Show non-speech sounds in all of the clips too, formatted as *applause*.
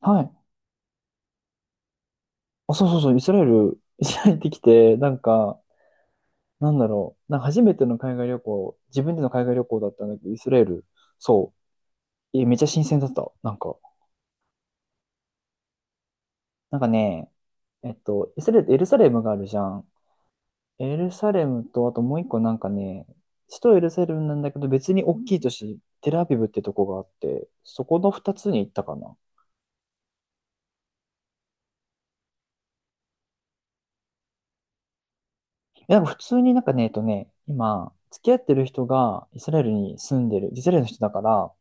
はい。あ、そうそうそう、イスラエル、*laughs* イスラエル行ってきて、なんか、なんか初めての海外旅行、自分での海外旅行だったんだけど、イスラエル、そう、めっちゃ新鮮だった。なんか、なんかね、イスラエル、エルサレムがあるじゃん。エルサレムと、あともう一個なんかね、首都エルサレムなんだけど、別に大きい都市、テルアビブってとこがあって、そこの二つに行ったかな。なんか普通になんかね、今、付き合ってる人がイスラエルに住んでる、イスラエルの人だから、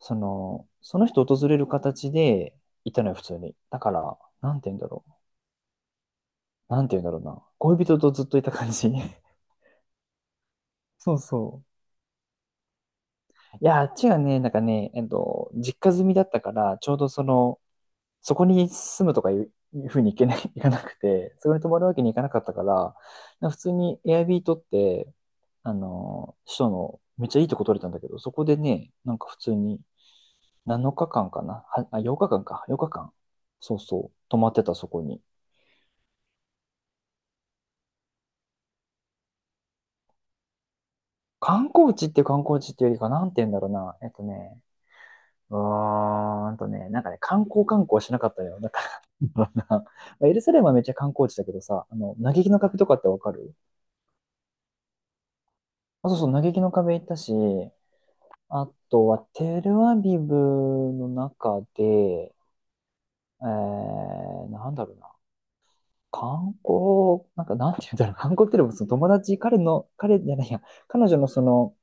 その人訪れる形でいたのよ、普通に。だから、なんて言うんだろう。なんて言うんだろうな。恋人とずっといた感じ。*laughs* そうそう。いや、あっちがね、なんかね、実家住みだったから、ちょうどその、そこに住むとかいう、いうふうにいけない、*laughs* いかなくて、そこに泊まるわけにいかなかったから、なんか普通に Airb 取って、あの、首都のめっちゃいいとこ取れたんだけど、そこでね、なんか普通に7日間かんかな、はあ、8日間かんか、8日間、そうそう、泊まってたそこに。観光地っていう観光地っていうよりか、なんて言うんだろうな。なんかね、観光観光しなかったのよ。だからな、*laughs* まあエルサレムはめっちゃ観光地だけどさ、あの、嘆きの壁とかってわかる？あ、そうそう、嘆きの壁行ったし、あとはテルアビブの中で、なんだろうな。観光、なんかなんて言うんだろう。観光っていうのもその友達、彼の、彼じゃないや、彼女のその、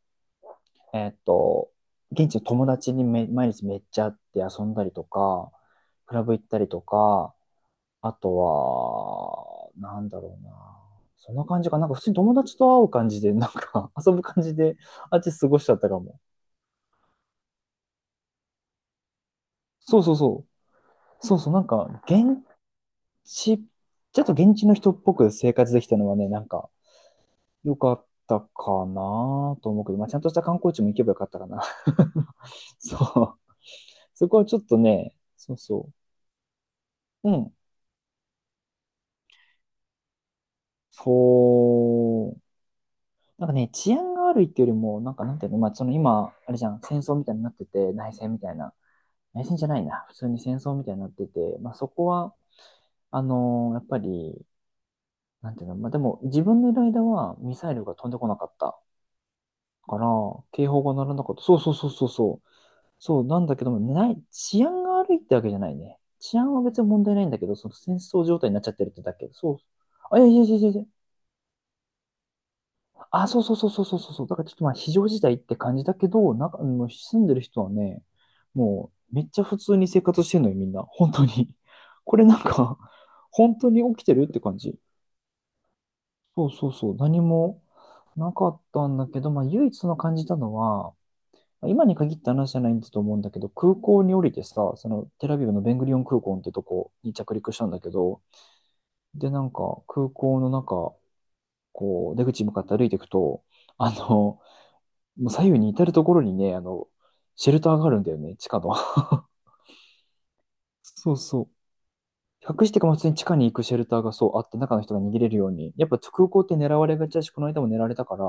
えっと、現地の友達にめ、毎日めっちゃ会って遊んだりとか、クラブ行ったりとか、あとは、なんだろうな。そんな感じかな。なんか普通に友達と会う感じで、なんか *laughs* 遊ぶ感じで、あっち過ごしちゃったかも。そうそうそう。そうそう、なんか、現地、ちょっと現地の人っぽく生活できたのはね、なんか、良かったかなと思うけど、まあ、ちゃんとした観光地も行けばよかったかな。*laughs* そう。そこはちょっとね、そうそう。うん。そう。なんかね、治安が悪いっていうよりも、なんかなんていうの、まあ、その今、あれじゃん、戦争みたいになってて、内戦みたいな。内戦じゃないな。普通に戦争みたいになってて、まあ、そこは、やっぱり、なんていうの、まあ、でも自分のいる間はミサイルが飛んでこなかったから、警報が鳴らなかった。そうそうそうそうそう。そうなんだけども、ない、治安が悪いってわけじゃないね。治安は別に問題ないんだけど、その戦争状態になっちゃってるってだけ。そう。あ、いやいやいやいやいや、あ、そうそうそうそうそうそう。だからちょっとまあ非常事態って感じだけど、なんか、あの住んでる人はね、もうめっちゃ普通に生活してんのよ、みんな。本当に。*laughs* これなんか、本当に起きてるって感じ。そうそうそう。何もなかったんだけど、まあ唯一その感じたのは、まあ今に限った話じゃないんだと思うんだけど、空港に降りてさ、そのテラビブのベングリオン空港ってとこに着陸したんだけど、で、なんか空港の中、こう出口に向かって歩いていくと、あの、もう左右に至るところにね、あの、シェルターがあるんだよね、地下の。*laughs* そうそう。隠してか、ま普通に地下に行くシェルターがそうあって、中の人が逃げれるように。やっぱ空港って狙われがちだし、この間も狙われたから、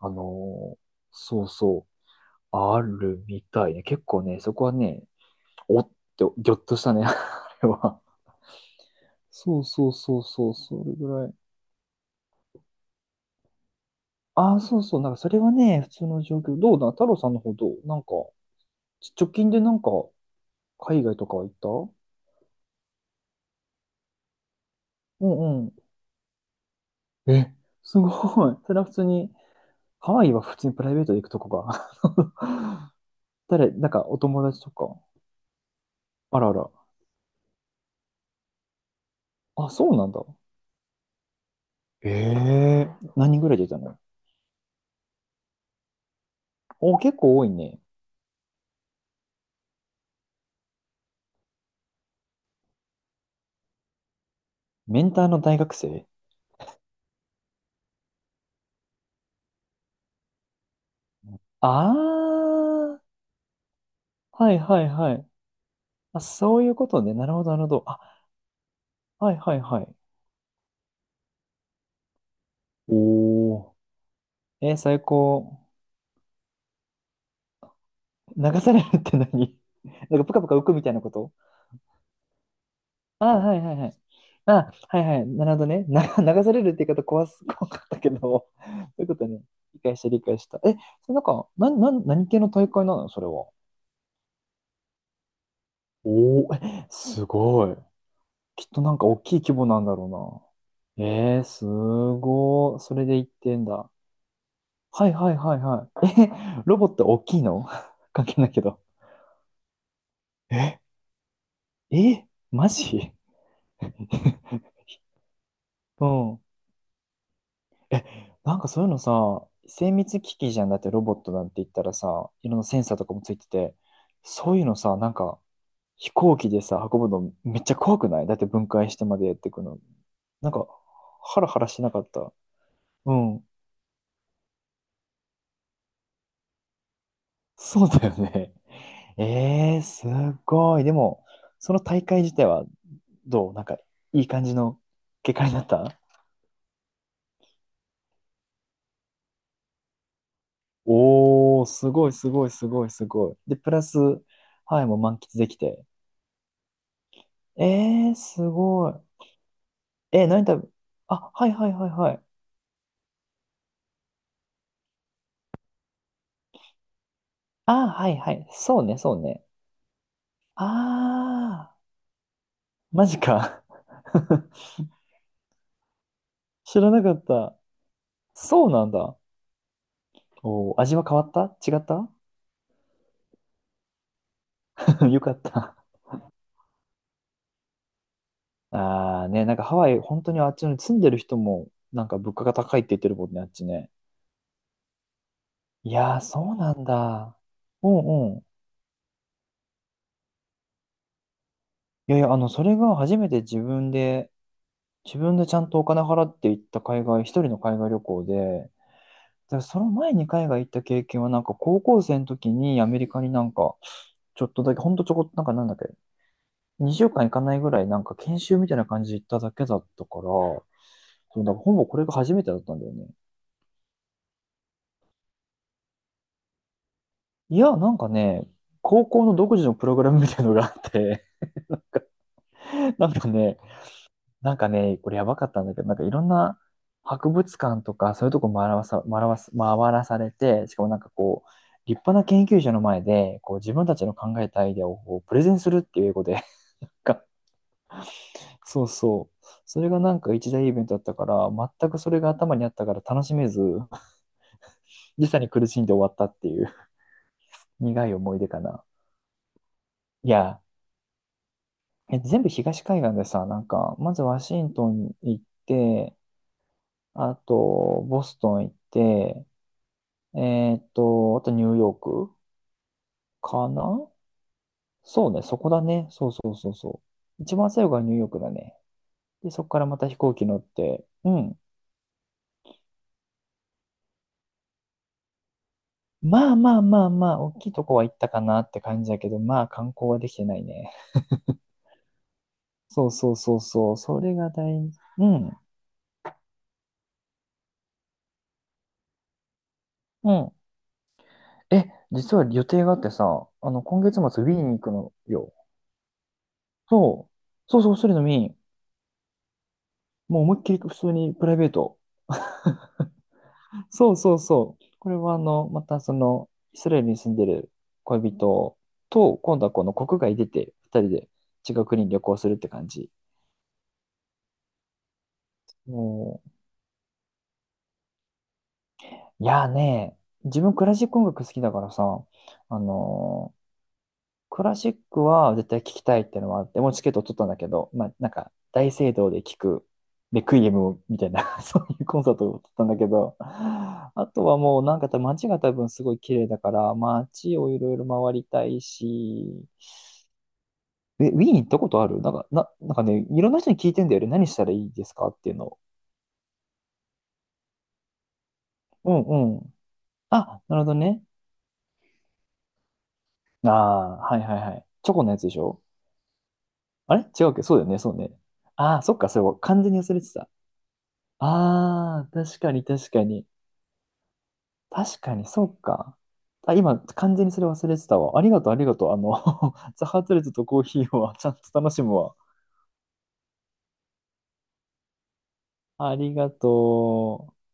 あのーそうそう、あるみたいね。結構ね、そこはね、おっって、ぎょっとしたね、*laughs* あれは。そうそうそうそう、それぐらい。ああ、そうそう、なんかそれはね、普通の状況。どうだ、太郎さんの方どうなんか、ち直近でなんか、海外とかは行った？うん。え、すごい。それは普通に、ハワイは普通にプライベートで行くとこが。*laughs* 誰、なんかお友達とか。あらあら。あ、そうなんだ。え、え、何人ぐらい出たの？お、結構多いね。メンターの大学生？ああー、はいはいはい。あ、そういうことね。なるほど、なるほど。あ、はいはいはい。おお。えー最高。流されるって何？ *laughs* なんかプカプカ浮くみたいなこと？あ、はいはいはい。あ、はいはい。なるほどね。な、*laughs* 流されるって言い方怖す、*laughs* 怖かったけど、そういうことね。理解した、理解した。え、それなんか、なん、なん、何系の大会なのそれは。おお、え、すごい。きっとなんか大きい規模なんだろうな。えー、すごい。それで行ってんだ。はいはいはいはい。え、ロボット大きいの *laughs* 関係ないけど。え、え、マジ？ *laughs* うん。なんかそういうのさ、精密機器じゃんだってロボットなんて言ったらさ、いろんなセンサーとかもついてて、そういうのさ、なんか飛行機でさ、運ぶのめっちゃ怖くない？だって分解してまでやっていくの。なんか、ハラハラしなかった？うん。そうだよね。*laughs* えー、すごい。でも、その大会自体はどうなんか、いい感じの結果になった？おー、すごいすごいすごいすごい。で、プラス、はい、もう満喫できて。えー、すごい。え、何食べ、あ、はいはいはいはい。あ、はいはい。そうね、そうね。あー、マジか。*laughs* 知らなかった。そうなんだ。おー、味は変わった？違った？ *laughs* よかった。あーね、なんかハワイ、本当にあっちの住んでる人も、なんか物価が高いって言ってるもんね、あっちね。いやー、そうなんだ。うんうん。いやいや、あの、それが初めて自分で、自分でちゃんとお金払って行った海外、一人の海外旅行で、でその前に海外行った経験は、なんか高校生の時にアメリカになんか、ちょっとだけ、ほんとちょこっと、なんかなんだっけ、2週間行かないぐらい、なんか研修みたいな感じで行っただけだったから、そう、だからほぼこれが初めてだったんだよね。いや、なんかね、高校の独自のプログラムみたいなのがあって、*laughs* なんかね、なんかね、これやばかったんだけど、なんかいろんな博物館とか、そういうとこ回らされて、しかもなんかこう、立派な研究者の前で、こう自分たちの考えたアイデアをこうプレゼンするっていう英語でか、*laughs* そうそう。それがなんか一大イベントだったから、全くそれが頭にあったから楽しめず、*laughs* 時差に苦しんで終わったっていう *laughs* 苦い思い出かな。いや、え、全部東海岸でさ、なんか、まずワシントン行って、あと、ボストン行って、あとニューヨークかな。そうね、そこだね。そうそうそうそう。一番最後がニューヨークだね。で、そこからまた飛行機乗って、うん。まあまあまあまあ、大きいとこは行ったかなって感じだけど、まあ観光はできてないね。そうそうそうそう、それが大事。うん、うん。え、実は予定があってさ、あの、今月末、ウィーンに行くのよ。そう、そうそう、それのみ、もう思いっきり普通にプライベート。そうそうそう。これはあの、またその、イスラエルに住んでる恋人と、今度はこの国外出て、二人で違う国に旅行するって感じ。もういやーね、自分クラシック音楽好きだからさ、あのークラシックは絶対聞きたいってのはあって、もうチケット取ったんだけど、まあなんか大聖堂で聞くレクイエムみたいな *laughs* そういうコンサートを取ったんだけど、あとはもうなんか多分街が多分すごい綺麗だから、街をいろいろ回りたいし、え、ウィーン行ったことある？なんか、な、なんかね、いろんな人に聞いてんだよね。何したらいいですかっていうのを。うんうん。あ、なるほどね。ああ、はいはいはい。チョコのやつでしょ？あれ違うっけ？そうだよね、そうね。ああ、そっか、それは完全に忘れてた。ああ、確かに確かに。確かに、そうか。あ、今、完全にそれ忘れてたわ。ありがとう、ありがとう。あの、*laughs* ザハトレットとコーヒーはちゃんと楽しむわ。ありがとう。